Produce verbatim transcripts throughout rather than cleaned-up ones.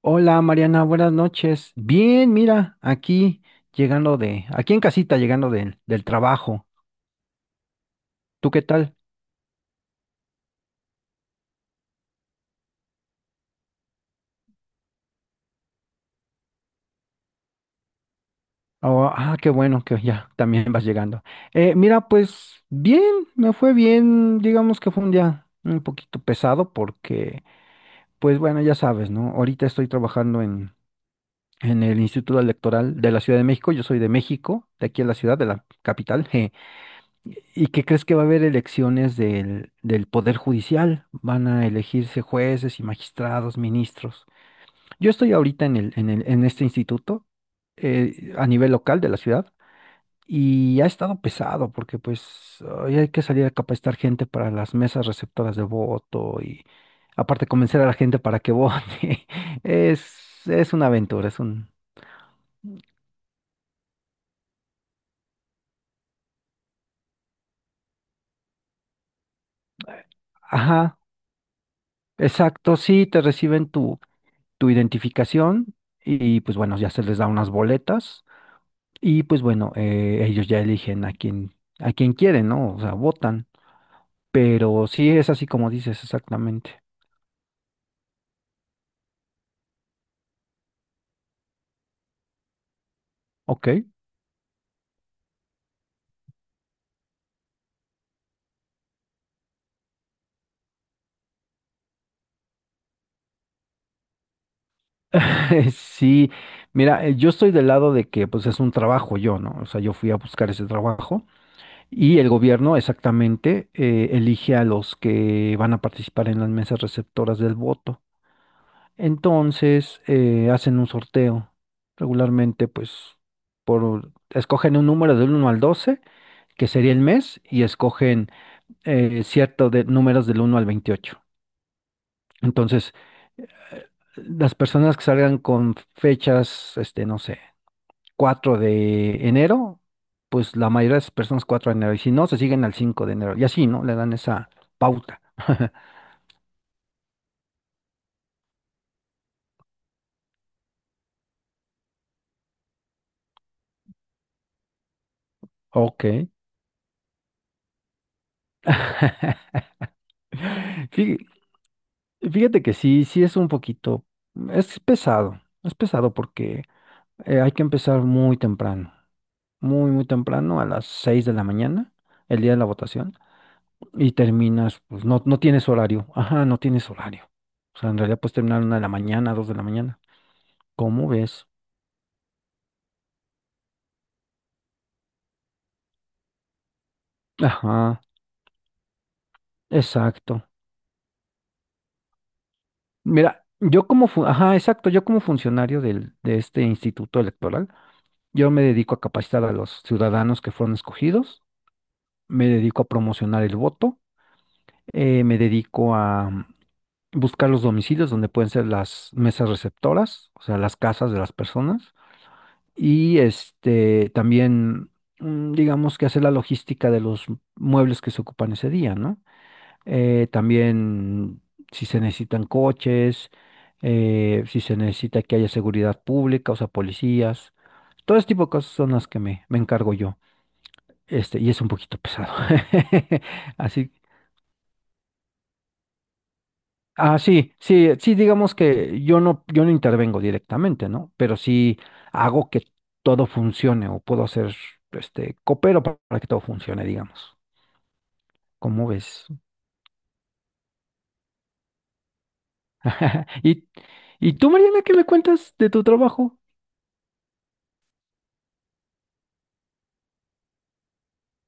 Hola Mariana, buenas noches. Bien, mira, aquí llegando de, aquí en casita, llegando del del trabajo. ¿Tú qué tal? Oh, ah, qué bueno que ya también vas llegando. Eh, mira, pues bien, me fue bien. Digamos que fue un día un poquito pesado porque, pues bueno, ya sabes, ¿no? Ahorita estoy trabajando en, en el Instituto Electoral de la Ciudad de México. Yo soy de México, de aquí en la ciudad, de la capital. ¿Y qué crees que va a haber elecciones del, del Poder Judicial? Van a elegirse jueces y magistrados, ministros. Yo estoy ahorita en el, en el, en este instituto, eh, a nivel local de la ciudad, y ha estado pesado porque pues hoy hay que salir a capacitar gente para las mesas receptoras de voto y aparte convencer a la gente para que vote. Es, es una aventura, es un... Ajá, exacto, sí, te reciben tu, tu identificación y pues bueno, ya se les da unas boletas y pues bueno, eh, ellos ya eligen a quién, a quién quieren, ¿no? O sea, votan. Pero sí es así como dices, exactamente. Ok. Sí, mira, eh, yo estoy del lado de que pues es un trabajo yo, ¿no? O sea, yo fui a buscar ese trabajo y el gobierno exactamente eh, elige a los que van a participar en las mesas receptoras del voto. Entonces eh, hacen un sorteo. Regularmente, pues, por escogen un número del uno al doce, que sería el mes, y escogen eh, cierto de números del uno al veintiocho. Entonces, eh, las personas que salgan con fechas, este, no sé, cuatro de enero, pues la mayoría de esas personas cuatro de enero, y si no, se siguen al cinco de enero, y así, ¿no? Le dan esa pauta. Ok. Fí- Fíjate que sí, sí es un poquito, es pesado, es pesado porque eh, hay que empezar muy temprano, muy, muy temprano, a las seis de la mañana, el día de la votación, y terminas, pues no, no tienes horario, ajá, no tienes horario. O sea, en realidad puedes terminar una de la mañana, dos de la mañana. ¿Cómo ves? Ajá, exacto. Mira, yo como, fu- ajá, exacto, yo como funcionario del, de este instituto electoral, yo me dedico a capacitar a los ciudadanos que fueron escogidos, me dedico a promocionar el voto. Eh, me dedico a buscar los domicilios donde pueden ser las mesas receptoras, o sea, las casas de las personas. Y este también, mm, digamos que hacer la logística de los muebles que se ocupan ese día, ¿no? Eh, también si se necesitan coches, eh, si se necesita que haya seguridad pública, o sea, policías. Todo ese tipo de cosas son las que me, me encargo yo. Este, y es un poquito pesado. Así. Ah, sí, sí, sí, digamos que yo no, yo no intervengo directamente, ¿no? Pero sí hago que todo funcione o puedo hacer, este, coopero pa- para que todo funcione, digamos. ¿Cómo ves? ¿Y, y tú, Mariana, ¿qué me cuentas de tu trabajo?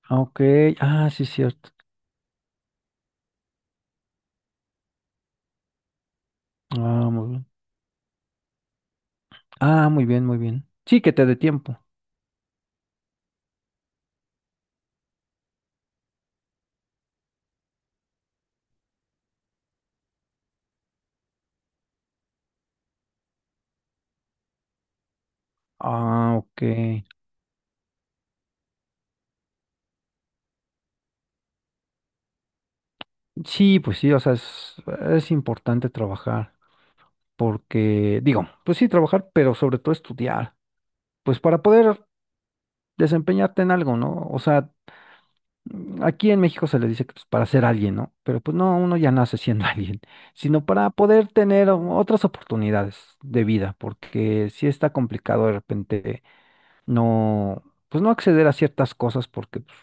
Ah, ok, ah, sí, cierto. Ah, muy bien. Ah, muy bien, muy bien. Sí, que te dé tiempo. Ah, ok. Sí, pues sí, o sea, es, es importante trabajar porque, digo, pues sí, trabajar, pero sobre todo estudiar. Pues para poder desempeñarte en algo, ¿no? O sea, mm, aquí en México se le dice que pues, para ser alguien, ¿no? Pero pues no, uno ya nace siendo alguien, sino para poder tener o- otras oportunidades de vida, porque sí está complicado de repente no, pues no acceder a ciertas cosas porque, pues,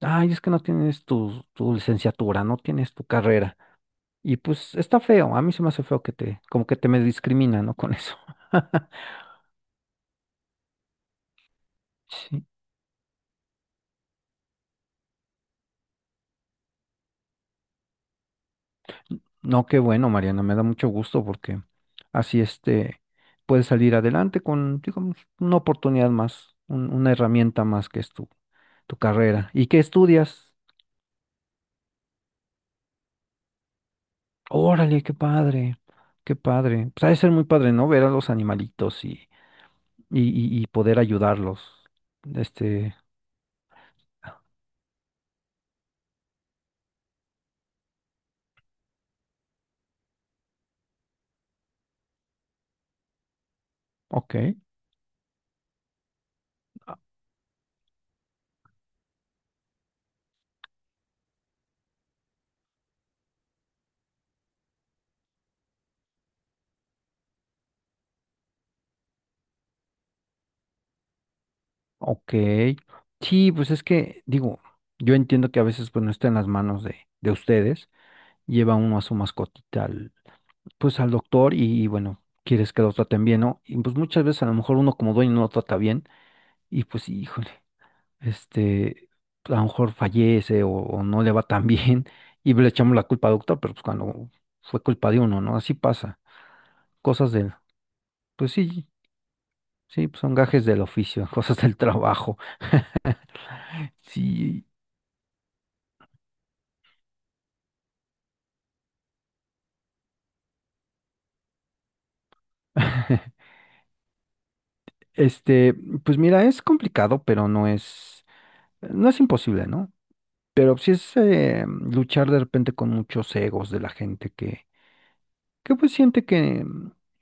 ay, es que no tienes tu, tu licenciatura, no tienes tu carrera. Y pues está feo, a mí se me hace feo que te, como que te me discrimina, ¿no? Con eso. Sí. No, qué bueno, Mariana, me da mucho gusto porque así este puedes salir adelante con, digamos, una oportunidad más, un- una herramienta más que es tu, tu carrera. ¿Y qué estudias? Órale, qué padre, qué padre. Pues ha de ser muy padre, ¿no? Ver a los animalitos y, y, y- y poder ayudarlos. Este, ok, ah, ok. Sí, pues es que, digo, yo entiendo que a veces pues no está en las manos de, de ustedes. Lleva uno a su mascotita pues al doctor y, y, bueno, quieres que lo traten bien, ¿no? Y pues muchas veces a lo mejor uno como dueño no lo trata bien y pues híjole, este, a lo mejor fallece o, o no le va tan bien y le echamos la culpa al doctor, pero pues cuando fue culpa de uno, ¿no? Así pasa, cosas del, pues sí, sí, pues, son gajes del oficio, cosas del trabajo, sí. Este, pues mira, es complicado, pero no es, no es imposible, ¿no? Pero sí es eh, luchar de repente con muchos egos de la gente que, que pues siente que,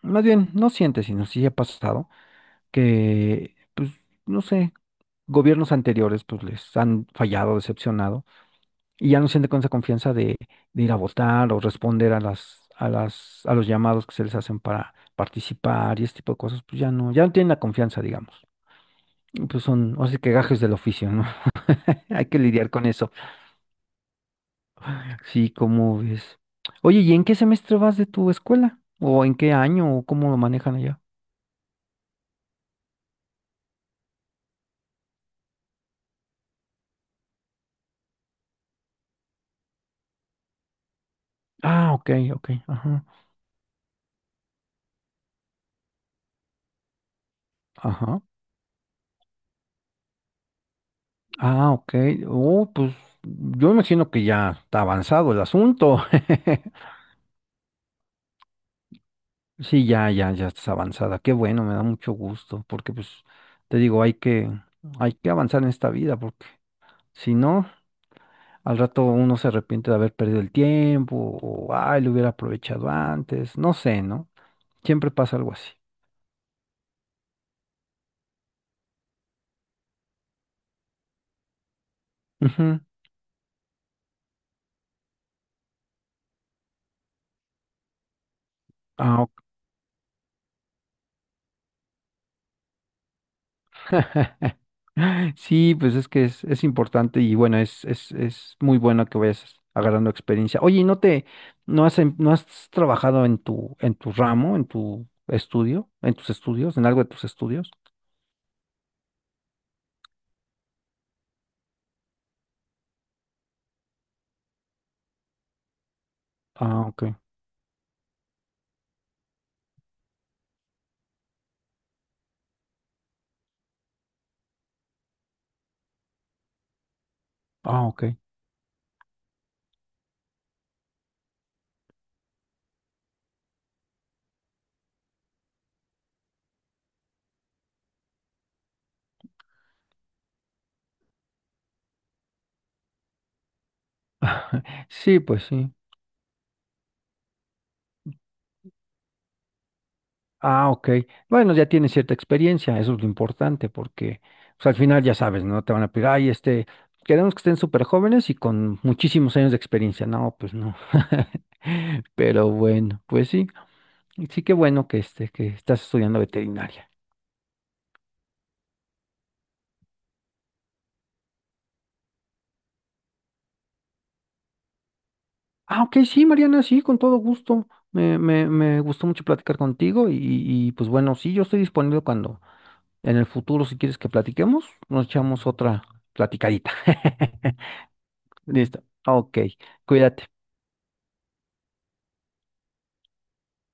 más bien, no siente, sino sí ha pasado, que pues no sé, gobiernos anteriores pues les han fallado, decepcionado, y ya no siente con esa confianza de, de ir a votar o responder a las, a las, a los llamados que se les hacen para participar y este tipo de cosas, pues ya no, ya no, tienen la confianza, digamos. Y pues son, así que gajes del oficio, ¿no? Hay que lidiar con eso. Sí, ¿cómo ves? Oye, ¿y en qué semestre vas de tu escuela? ¿O en qué año? ¿O cómo lo manejan allá? Ah, ok, ok, ajá, ajá. Ah, ok. Oh, pues yo imagino que ya está avanzado el asunto. Sí, ya, ya, ya estás avanzada. Qué bueno, me da mucho gusto, porque pues te digo, hay que, hay que avanzar en esta vida, porque si no, al rato uno se arrepiente de haber perdido el tiempo, o ay, lo hubiera aprovechado antes, no sé, ¿no? Siempre pasa algo así. Ah, ok. Sí, pues es que es, es importante y bueno, es, es, es muy bueno que vayas agarrando experiencia. Oye, ¿y no te, no has, em- no has trabajado en tu, en tu ramo, en tu estudio, en tus estudios, en algo de tus estudios? Ah, ok. Ah, ok. Sí, pues sí. Ah, ok. Bueno, ya tienes cierta experiencia, eso es lo importante, porque pues, al final ya sabes, ¿no? Te van a pedir, ay, este, queremos que estén súper jóvenes y con muchísimos años de experiencia. No, pues no. Pero bueno, pues sí, sí que bueno que, este, que estás estudiando veterinaria. Ah, ok, sí, Mariana, sí, con todo gusto. Me, me, me gustó mucho platicar contigo y, y pues bueno, sí, yo estoy disponible cuando en el futuro, si quieres que platiquemos, nos echamos otra platicadita. Listo, ok, cuídate.